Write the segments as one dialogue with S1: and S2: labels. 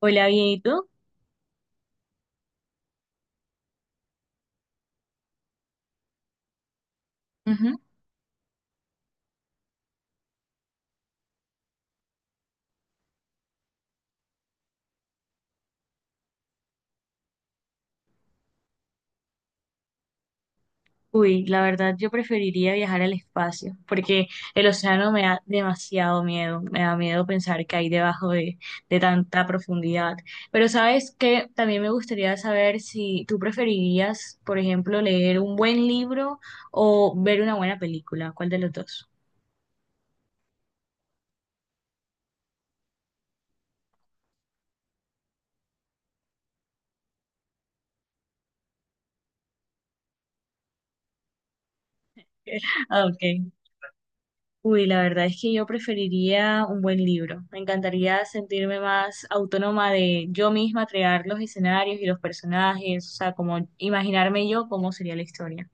S1: Hola, bien, ¿y tú? Ujú. Uy, la verdad yo preferiría viajar al espacio porque el océano me da demasiado miedo, me da miedo pensar que hay debajo de tanta profundidad. Pero sabes que también me gustaría saber si tú preferirías, por ejemplo, leer un buen libro o ver una buena película, ¿cuál de los dos? Ah, ok. Uy, la verdad es que yo preferiría un buen libro. Me encantaría sentirme más autónoma de yo misma crear los escenarios y los personajes, o sea, como imaginarme yo cómo sería la historia.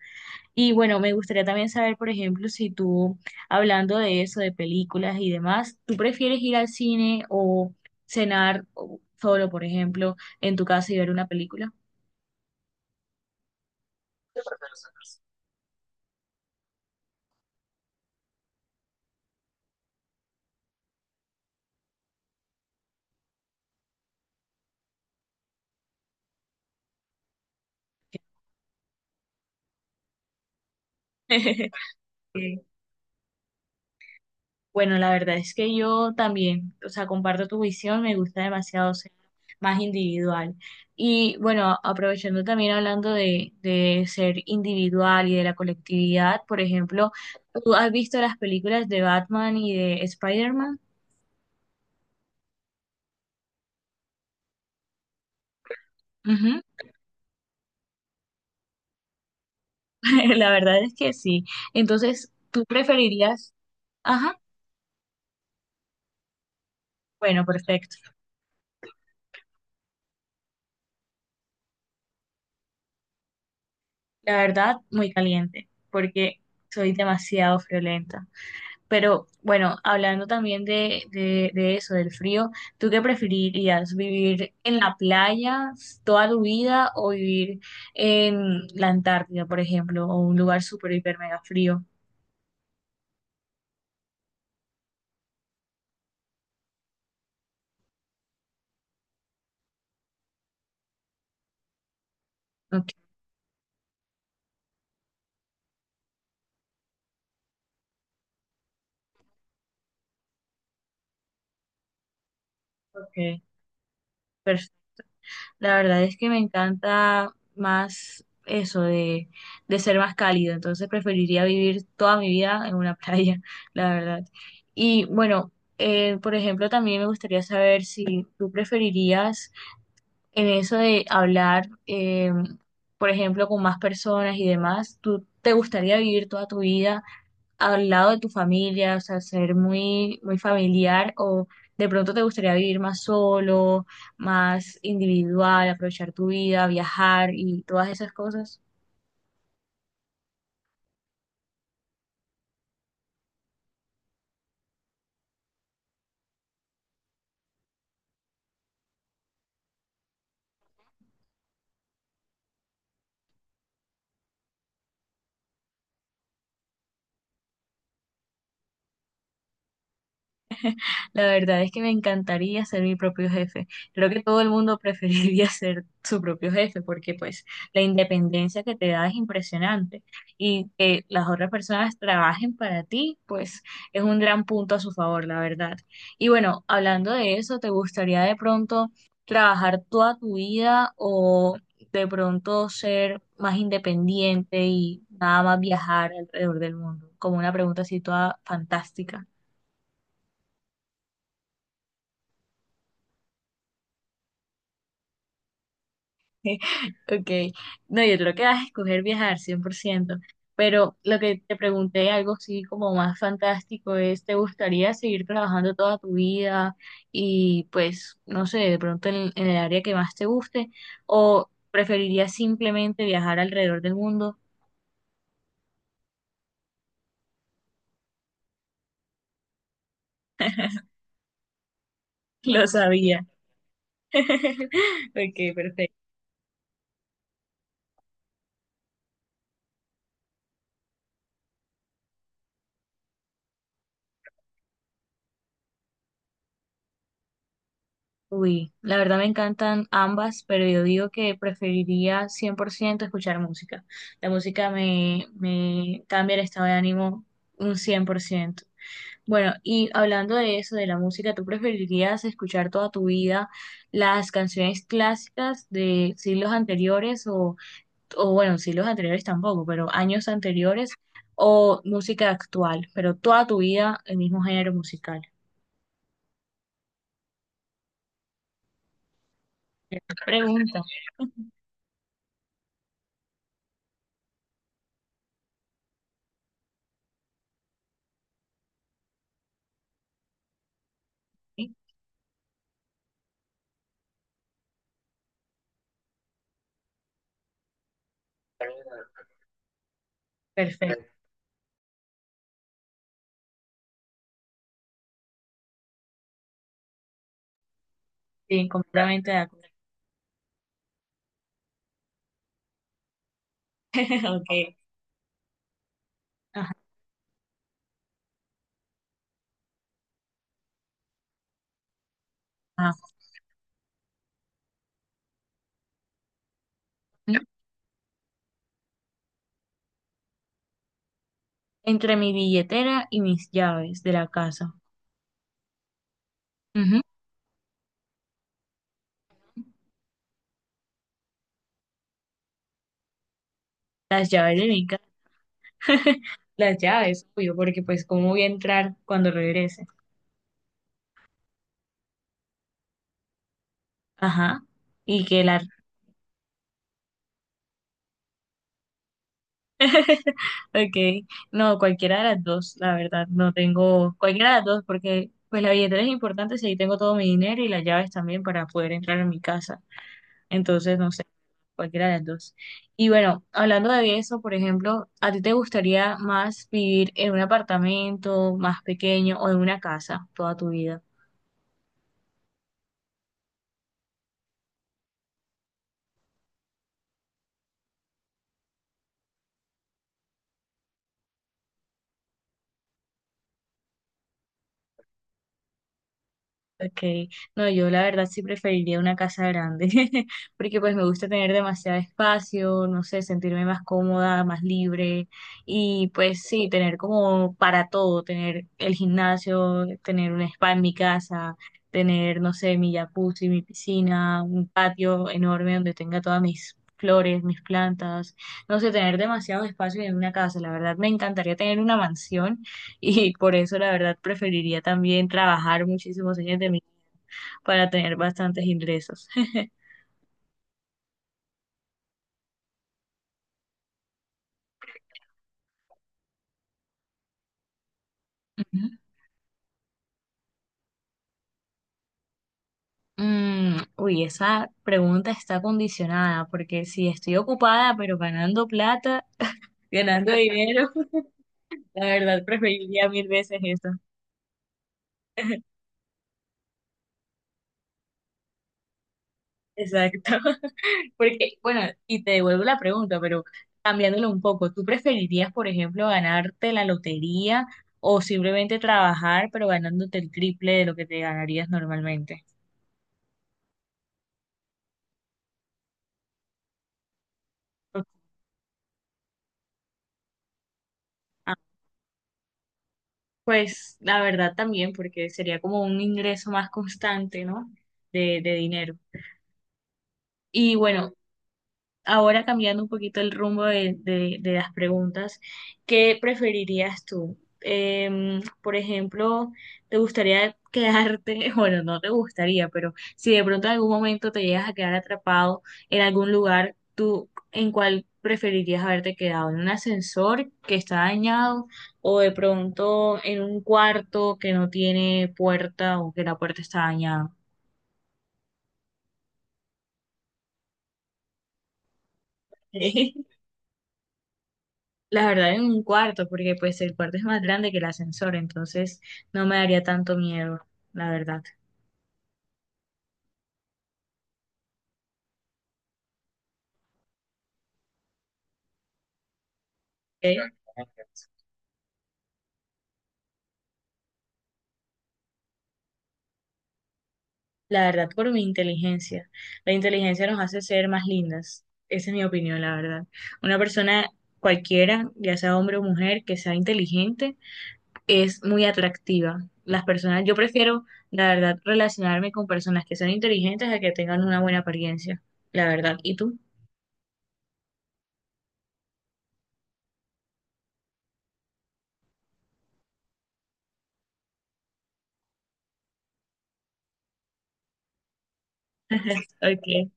S1: Y bueno, me gustaría también saber, por ejemplo, si tú, hablando de eso, de películas y demás, ¿tú prefieres ir al cine o solo, por ejemplo, en tu casa y ver una película? Bueno, la verdad es que yo también, o sea, comparto tu visión, me gusta demasiado ser más individual. Y bueno, aprovechando también hablando de ser individual y de la colectividad, por ejemplo, ¿tú has visto las películas de Batman y de Spider-Man? Ujú. La verdad es que sí. Entonces, ¿tú preferirías? Ajá, bueno, perfecto. La verdad, muy caliente, porque soy demasiado friolenta. Pero bueno, hablando también de eso, del frío, ¿tú qué preferirías? ¿Vivir en la playa toda tu vida o vivir en la Antártida, por ejemplo, o un lugar súper, hiper, mega frío? Ok. Ok, pers- la verdad es que me encanta más eso de ser más cálido, entonces preferiría vivir toda mi vida en una playa, la verdad. Y bueno, por ejemplo, también me gustaría saber si tú preferirías en eso de hablar, por ejemplo, con más personas y demás, ¿tú te gustaría vivir toda tu vida al lado de tu familia, o sea, ser muy, muy familiar o de pronto te gustaría vivir más solo, más individual, aprovechar tu vida, viajar y todas esas cosas? La verdad es que me encantaría ser mi propio jefe. Creo que todo el mundo preferiría ser su propio jefe porque pues la independencia que te da es impresionante y que las otras personas trabajen para ti pues es un gran punto a su favor, la verdad. Y bueno, hablando de eso, ¿te gustaría de pronto trabajar toda tu vida o de pronto ser más independiente y nada más viajar alrededor del mundo? Como una pregunta así toda fantástica. Ok, no, yo creo que vas a escoger viajar 100%, pero lo que te pregunté, algo así como más fantástico, es, ¿te gustaría seguir trabajando toda tu vida y pues, no sé, de pronto en el área que más te guste o preferirías simplemente viajar alrededor del mundo? Lo sabía. Ok, perfecto. Uy, la verdad me encantan ambas, pero yo digo que preferiría 100% escuchar música. La música me cambia el estado de ánimo un 100%. Bueno, y hablando de eso, de la música, ¿tú preferirías escuchar toda tu vida las canciones clásicas de siglos anteriores o bueno, siglos anteriores tampoco, pero años anteriores o música actual, pero toda tu vida el mismo género musical? Pregunta, ¿sí? Perfecto. Sí, completamente de acuerdo. Ok. Ajá. Ajá. Entre mi billetera y mis llaves de la casa. Ujú. Las llaves de mi casa. Las llaves, obvio, porque pues cómo voy a entrar cuando regrese. Ajá. Y que la... Okay, no, cualquiera de las dos, la verdad. No tengo... Cualquiera de las dos, porque pues la billetera es importante si ahí tengo todo mi dinero y las llaves también para poder entrar en mi casa. Entonces, no sé, cualquiera de las dos. Y bueno, hablando de eso, por ejemplo, ¿a ti te gustaría más vivir en un apartamento más pequeño o en una casa toda tu vida? Okay, no, yo la verdad sí preferiría una casa grande, porque pues me gusta tener demasiado espacio, no sé, sentirme más cómoda, más libre y pues sí, tener como para todo, tener el gimnasio, tener un spa en mi casa, tener, no sé, mi jacuzzi, mi piscina, un patio enorme donde tenga todas mis flores, mis plantas, no sé, tener demasiados espacios en una casa, la verdad me encantaría tener una mansión y por eso, la verdad, preferiría también trabajar muchísimos años de mi vida para tener bastantes ingresos. Ujú. Uy, esa pregunta está condicionada porque si estoy ocupada pero ganando plata, ganando dinero, la verdad preferiría mil veces eso. Exacto. Porque, bueno, y te devuelvo la pregunta, pero cambiándolo un poco, ¿tú preferirías, por ejemplo, ganarte la lotería o simplemente trabajar, pero ganándote el triple de lo que te ganarías normalmente? Ah, pues la verdad también, porque sería como un ingreso más constante, ¿no? De dinero. Y bueno, ahora cambiando un poquito el rumbo de las preguntas, ¿qué preferirías tú? Em, por ejemplo, ¿te gustaría quedarte, bueno, no te gustaría, pero si de pronto en algún momento te llegas a quedar atrapado en algún lugar, ¿tú en cuál preferirías haberte quedado? ¿En un ascensor que está dañado o de pronto en un cuarto que no tiene puerta o que la puerta está dañada? La verdad, en un cuarto, porque pues el cuarto es más grande que el ascensor, entonces no me daría tanto miedo, la verdad. ¿Ok? La verdad, por mi inteligencia. La inteligencia nos hace ser más lindas. Esa es mi opinión, la verdad. Una persona cualquiera, ya sea hombre o mujer, que sea inteligente, es muy atractiva. Las personas, yo prefiero, la verdad, relacionarme con personas que sean inteligentes a que tengan una buena apariencia, la verdad. ¿Y tú? Ok.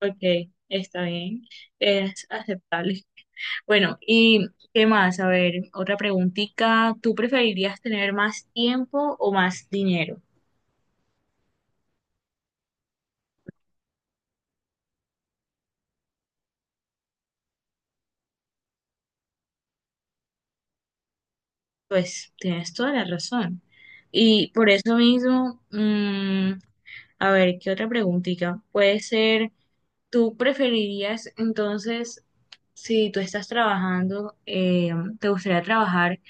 S1: Ok, está bien. Es aceptable. Bueno, ¿y qué más? A ver, otra preguntita. ¿Tú preferirías tener más tiempo o más dinero? Pues tienes toda la razón. Y por eso mismo, a ver, ¿qué otra preguntita? Puede ser, ¿tú preferirías entonces, si tú estás trabajando, te gustaría trabajar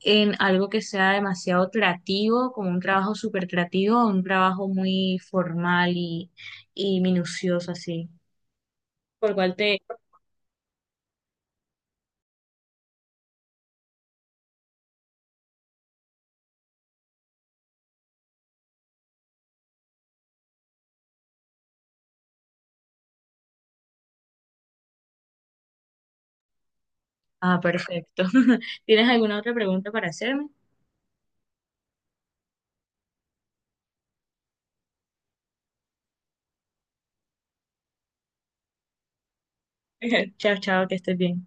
S1: en algo que sea demasiado creativo, como un trabajo súper creativo o un trabajo muy formal y minucioso así? ¿Por cuál te... Ah, perfecto. ¿Tienes alguna otra pregunta para hacerme? Chao, chao, que estés bien.